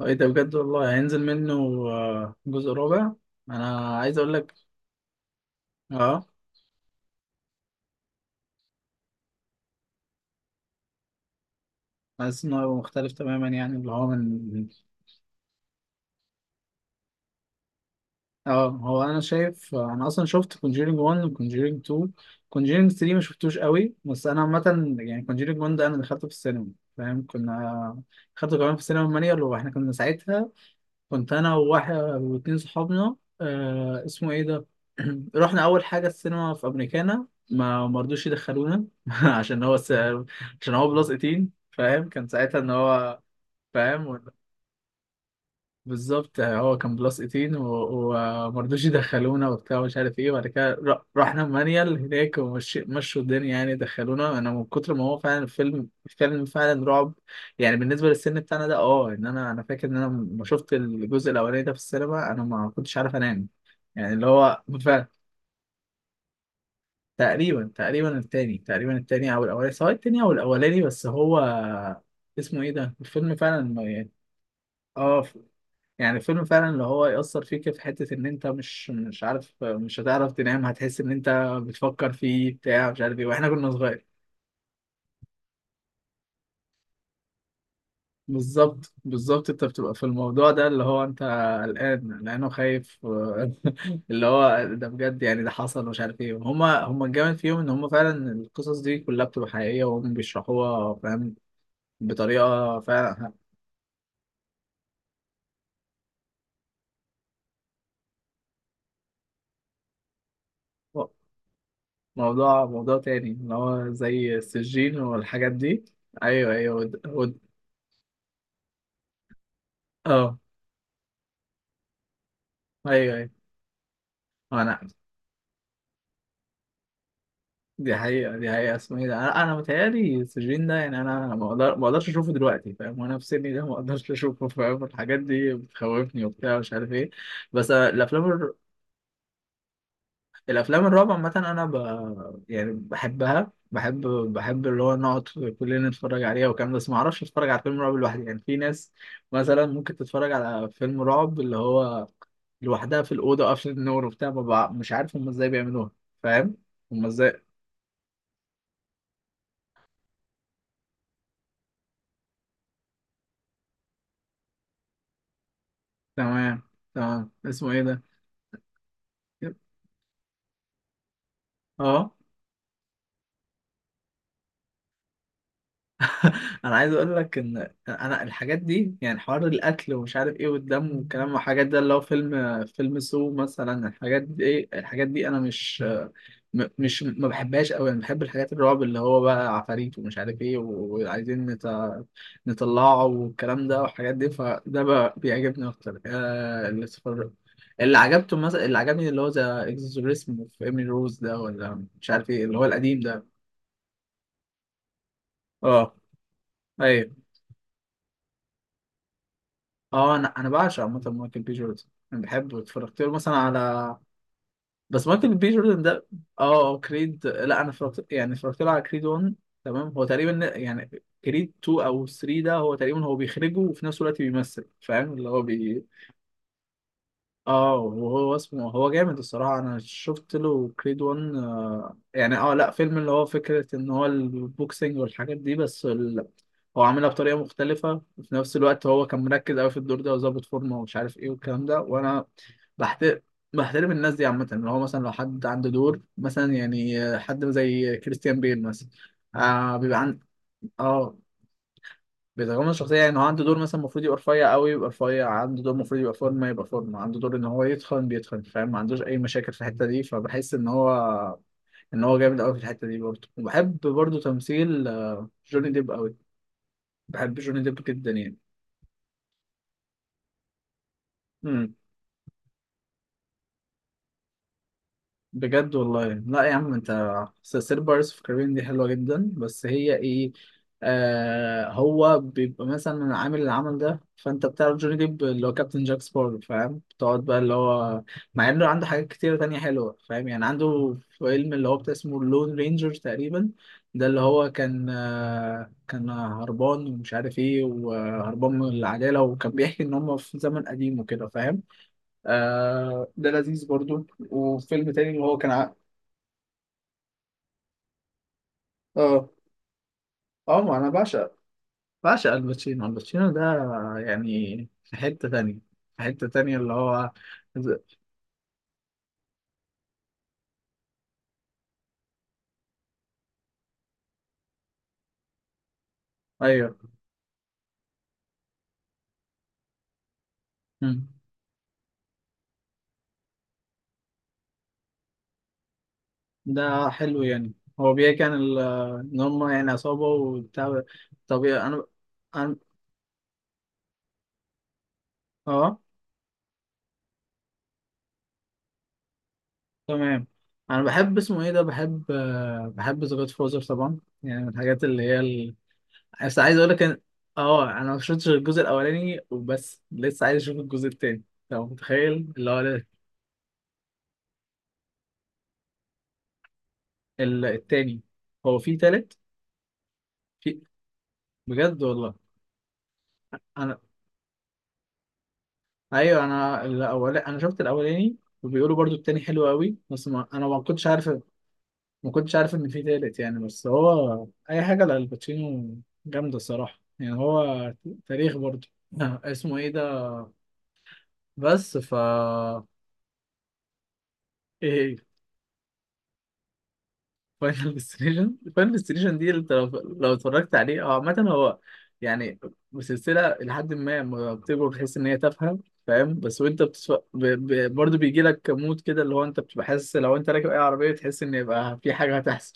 ايه ده بجد والله هينزل منه جزء رابع. انا عايز اقول لك. اه حاسس انه هيبقى مختلف تماما، يعني اللي هو من. اه هو انا شايف، انا اصلا شفت كونجيرينج 1 وكونجيرينج 2. كونجيرينج 3 ما شفتوش قوي، بس انا عامه. يعني كونجيرينج 1 ده انا دخلته في السينما، فاهم؟ كنا دخلته كمان في السينما مانيا، اللي هو احنا كنا ساعتها كنت انا وواحد واتنين صحابنا، آه اسمه ايه ده؟ رحنا اول حاجه السينما في امريكانا، ما مرضوش يدخلونا عشان هو عشان هو بلس 18، فاهم؟ كان ساعتها ان هو، فاهم؟ بالظبط، يعني هو كان بلس 18 ومرضوش يدخلونا وبتاع ومش عارف ايه، وبعد كده رحنا مانيال هناك، ومشوا الدنيا، يعني دخلونا. انا من كتر ما هو فعلا الفيلم فعلا رعب، يعني بالنسبه للسن بتاعنا ده. اه ان انا انا فاكر ان انا لما شفت الجزء الاولاني ده في السينما، انا ما كنتش عارف انام. يعني اللي هو فعلا. تقريبا التاني، تقريبا التاني او الاولاني، سواء التاني او الاولاني، بس هو اسمه ايه ده؟ الفيلم فعلا يعني، اه يعني فيلم فعلا اللي هو يأثر فيك في حتة، إن أنت مش عارف، مش هتعرف تنام، هتحس إن أنت بتفكر فيه، بتاع مش عارف إيه، وإحنا كنا صغير. بالظبط أنت بتبقى في الموضوع ده، اللي هو أنت قلقان وخايف اللي هو ده بجد، يعني ده حصل ومش عارف إيه. هما الجامد فيهم إن هما فعلا القصص دي كلها بتبقى حقيقية، وهم بيشرحوها، فاهم؟ بطريقة فعلا. موضوع تاني، اللي هو زي السجين والحاجات دي. أيوه أيوه، اه. ايوه ايوه، انا دي حقيقه، دي حقيقه. اسمه ايه ده؟ انا متهيألي السجين ده. يعني انا ما اقدرش اشوفه دلوقتي، فاهم؟ وانا في سني ده ما اقدرش اشوفه، فاهم؟ الحاجات دي بتخوفني وبتاع مش عارف ايه. بس الافلام الرعب عامه انا يعني بحبها، بحب اللي هو نقعد كلنا نتفرج عليها والكلام ده. بس ما اعرفش اتفرج على فيلم رعب لوحدي. يعني في ناس مثلا ممكن تتفرج على فيلم رعب اللي هو لوحدها في الاوضه قافله النور وبتاع، ما بع- مش عارف هم ازاي بيعملوها، فاهم؟ هم ازاي. تمام، تمام. اسمه ايه ده؟ يب. اه. انا عايز اقول لك ان انا الحاجات دي، يعني حوار الاكل ومش عارف ايه، والدم والكلام والحاجات ده، اللي هو فيلم سو مثلا، الحاجات دي ايه الحاجات دي، انا مش، مش ما بحبهاش قوي. انا بحب الحاجات الرعب اللي هو بقى عفاريت ومش عارف ايه وعايزين نطلعه، والكلام ده والحاجات دي، فده بقى بيعجبني اكتر. آه، اللي اتفرج- اللي عجبته مثلا اللي عجبني اللي هو ذا اكزوريسم في ايمي روز ده، ولا مش عارف ايه، اللي هو القديم ده. اه. ايوه، انا بعشق عامه مايكل بي جوردن، انا بحبه. اتفرجت له مثلا على، بس مايكل بي جوردن ده، اه كريد. لا انا اتفرجت، يعني اتفرجت له على كريد 1. تمام، هو تقريبا يعني كريد 2 او 3 ده، هو تقريبا هو بيخرجه وفي نفس الوقت بيمثل، فاهم؟ اللي هو بي. اه وهو اسمه هو جامد الصراحه. انا شفت له كريد 1، آه يعني، اه لا فيلم اللي هو فكره ان هو البوكسنج والحاجات دي، بس هو عاملها بطريقه مختلفه، وفي نفس الوقت هو كان مركز قوي في الدور ده، وظابط فورمه ومش عارف ايه والكلام ده. وانا بحترم بحترم الناس دي عامه، اللي هو مثلا لو حد عنده دور مثلا، يعني حد زي كريستيان بيل مثلا، آه بيبقى عن، اه بيتغمض الشخصيه. يعني هو عنده دور مثلا المفروض يبقى رفيع قوي، يبقى رفيع. عنده دور المفروض يبقى فورمه، يبقى فورمه. عنده دور ان هو يتخن، بيتخن، فاهم؟ ما عندوش اي مشاكل في الحته دي. فبحس ان هو جامد قوي في الحته دي برضه. وبحب برضه تمثيل جوني ديب قوي. بحب جوني ديب جدا يعني. بجد والله لا يا عم انت. سير بارس في كارين دي حلوه جدا، بس هي ايه، هو بيبقى مثلا عامل العمل ده، فانت بتعرف جوني ديب اللي هو كابتن جاك سبارو، فاهم؟ بتقعد بقى اللي هو، مع انه عنده حاجات كتير تانية حلوه، فاهم؟ يعني عنده فيلم اللي هو بتاع اسمه لون رينجر تقريبا، ده اللي هو كان كان هربان ومش عارف ايه، وهربان من العداله، وكان بيحكي ان هم في زمن قديم وكده، فاهم؟ آه ده لذيذ برضو. وفيلم تاني اللي هو كان اه اه، ما انا بعشق، الباتشينو، الباتشينو ده يعني في حتة تانية، في حتة تانية اللي هو ز- ايوه. مم. ده حلو يعني. هو بيحكي عن ان هم يعني عصابة وبتاع. طبيعي انا، انا. اه تمام. انا بحب اسمه ايه ده، بحب، ذا جاد فوزر طبعا، يعني من الحاجات اللي هي. بس عايز اقول لك ان، اه انا ما شفتش غير الجزء الاولاني وبس، لسه عايز اشوف الجزء التاني. لو متخيل اللي هو التاني. هو في تالت؟ في. بجد والله. انا، ايوه انا الاول انا شفت الاولاني، وبيقولوا برضو التاني حلو قوي، بس ما... انا ما كنتش عارف ان في تالت، يعني. بس هو اي حاجه لالباتشينو جامده الصراحه، يعني هو تاريخ برضو. اسمه ايه ده؟ بس ف، إيه، فاينل ديستنيشن. فاينل ديستنيشن دي انت لو، لو اتفرجت عليه، او عامة هو يعني سلسلة، لحد ما لما بتكبر بتحس ان هي تافهة، فاهم؟ بس وانت برضه بيجي لك مود كده اللي هو انت بتبقى حاسس لو انت راكب اي عربية تحس ان يبقى في حاجة هتحصل،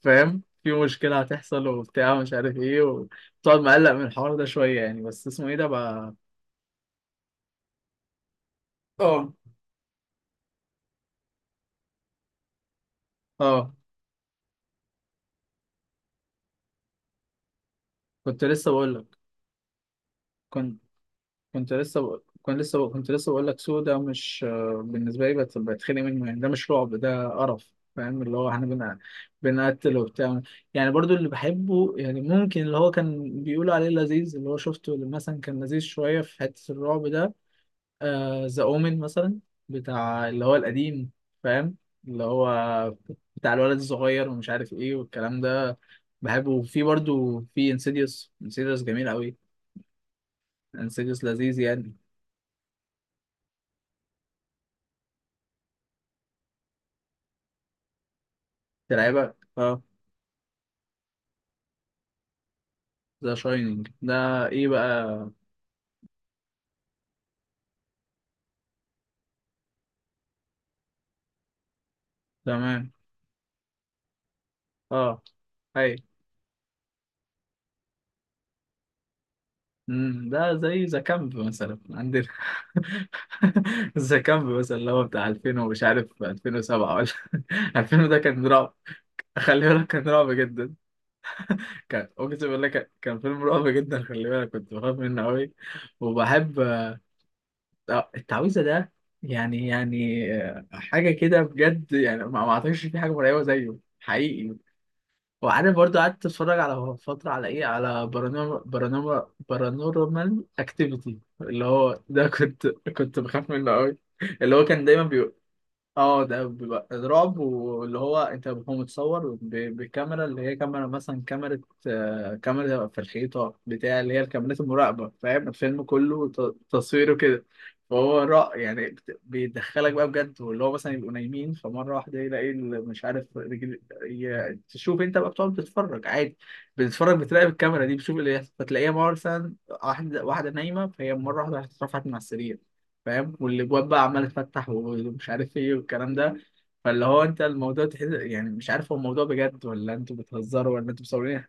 فاهم؟ في مشكلة هتحصل وبتاع مش عارف ايه، وتقعد مقلق من الحوار ده شوية يعني. بس اسمه ايه ده بقى؟ اه اه، كنت لسه بقول لك، كنت لسه بقول لك سودا، مش بالنسبه لي بتخنق منه، يعني ده مش رعب ده قرف، فاهم؟ اللي هو احنا بنقتل وبتاع. يعني برضو اللي بحبه، يعني ممكن اللي هو كان بيقولوا عليه لذيذ، اللي هو شفته اللي مثلا كان لذيذ شويه في حته الرعب ده، ذا اومن مثلا، بتاع اللي هو القديم، فاهم؟ اللي هو بتاع الولد الصغير ومش عارف ايه والكلام ده، بحبه. وفي برضو في انسيديوس، انسيديوس جميل قوي. انسيديوس لذيذ يعني. تلعبك اه. ذا شاينينج ده ايه بقى؟ تمام. اه اي. مم، ده زي ذا كامب مثلا عندنا. ذا كامب مثلا اللي هو بتاع 2000 ومش عارف 2007 ولا، 2000 ده كان رعب، خلي بالك كان رعب جدا. كان، اقسم بالله كان، فيلم رعب جدا، خلي بالك كنت بخاف منه قوي. وبحب، التعويذه ده. يعني حاجه كده بجد. يعني ما اعتقدش في حاجه مرعبه زيه حقيقي. وعارف برضه قعدت اتفرج على فترة على ايه، على بارانورمال، بارانورمال اكتيفيتي، اللي هو ده كنت، بخاف منه قوي. اللي هو كان دايما اه ده بيبقى رعب، واللي هو انت هو متصور بكاميرا اللي هي كاميرا، مثلا كاميرا كاميرا في الحيطة بتاع، اللي هي الكاميرات المراقبة، فاهم؟ الفيلم كله تصويره كده. فهو رع يعني بيدخلك بقى بجد. واللي هو مثلا يبقوا نايمين، فمرة واحدة يلاقي مش عارف رجل تشوف انت بقى بتقعد بتتفرج عادي، بتتفرج بتراقب الكاميرا دي، بتشوف فتلاقيها مثلا واحدة نايمة، فهي مرة واحدة رفعت من على السرير، فاهم؟ والابواب بقى عماله تفتح ومش عارف ايه والكلام ده. فاللي هو انت الموضوع تحس، يعني مش عارف هو الموضوع بجد، ولا انتوا بتهزروا، ولا انتوا مصورين.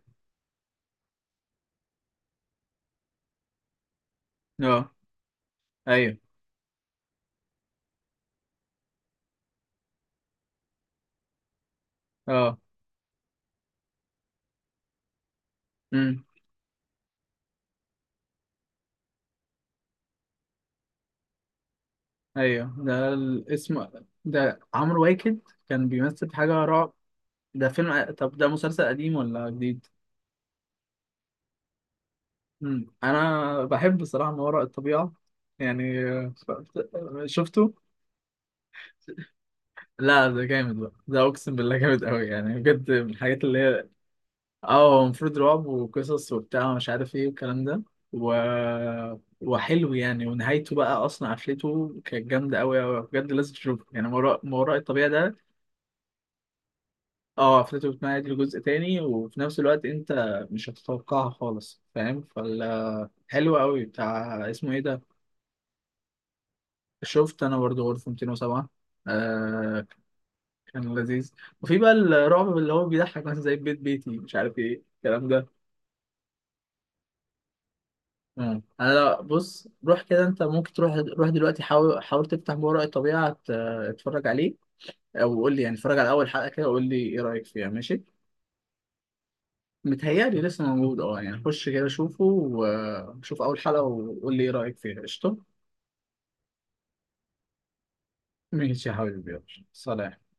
اه، ايوه، اه. امم. ايوه ده الاسم، ده عمرو واكد كان بيمثل في حاجه رعب ده فيلم. طب ده مسلسل قديم ولا جديد؟ امم. انا بحب بصراحه ما وراء الطبيعه، يعني شفته. لا ده جامد بقى ده، اقسم بالله جامد قوي، يعني بجد من الحاجات اللي هي. اه هو المفروض رعب وقصص وبتاع ومش عارف ايه والكلام ده و... وحلو يعني. ونهايته بقى اصلا، قفلته كانت جامده قوي قوي بجد، لازم تشوفه. يعني ما وراء الطبيعه ده. اه قفلته بتمهد لجزء تاني، وفي نفس الوقت انت مش هتتوقعها خالص، فاهم؟ فال حلو قوي بتاع اسمه ايه ده. شفت انا برضه غرفه 207. آه كان لذيذ. وفي بقى الرعب اللي هو بيضحك، مثلا زي بيت بيتي مش عارف ايه الكلام ده. مم. انا لو بص، روح كده انت ممكن تروح، روح دلوقتي، حاول تفتح ما وراء الطبيعه اتفرج عليه. او قول لي، يعني اتفرج على اول حلقه كده، وقول لي ايه رايك فيها، ماشي؟ متهيألي لسه موجود، اه يعني خش كده شوفه، وشوف اول حلقه وقول لي ايه رايك فيها، قشطه. ماشي يا حبيبي، يلا. سلام.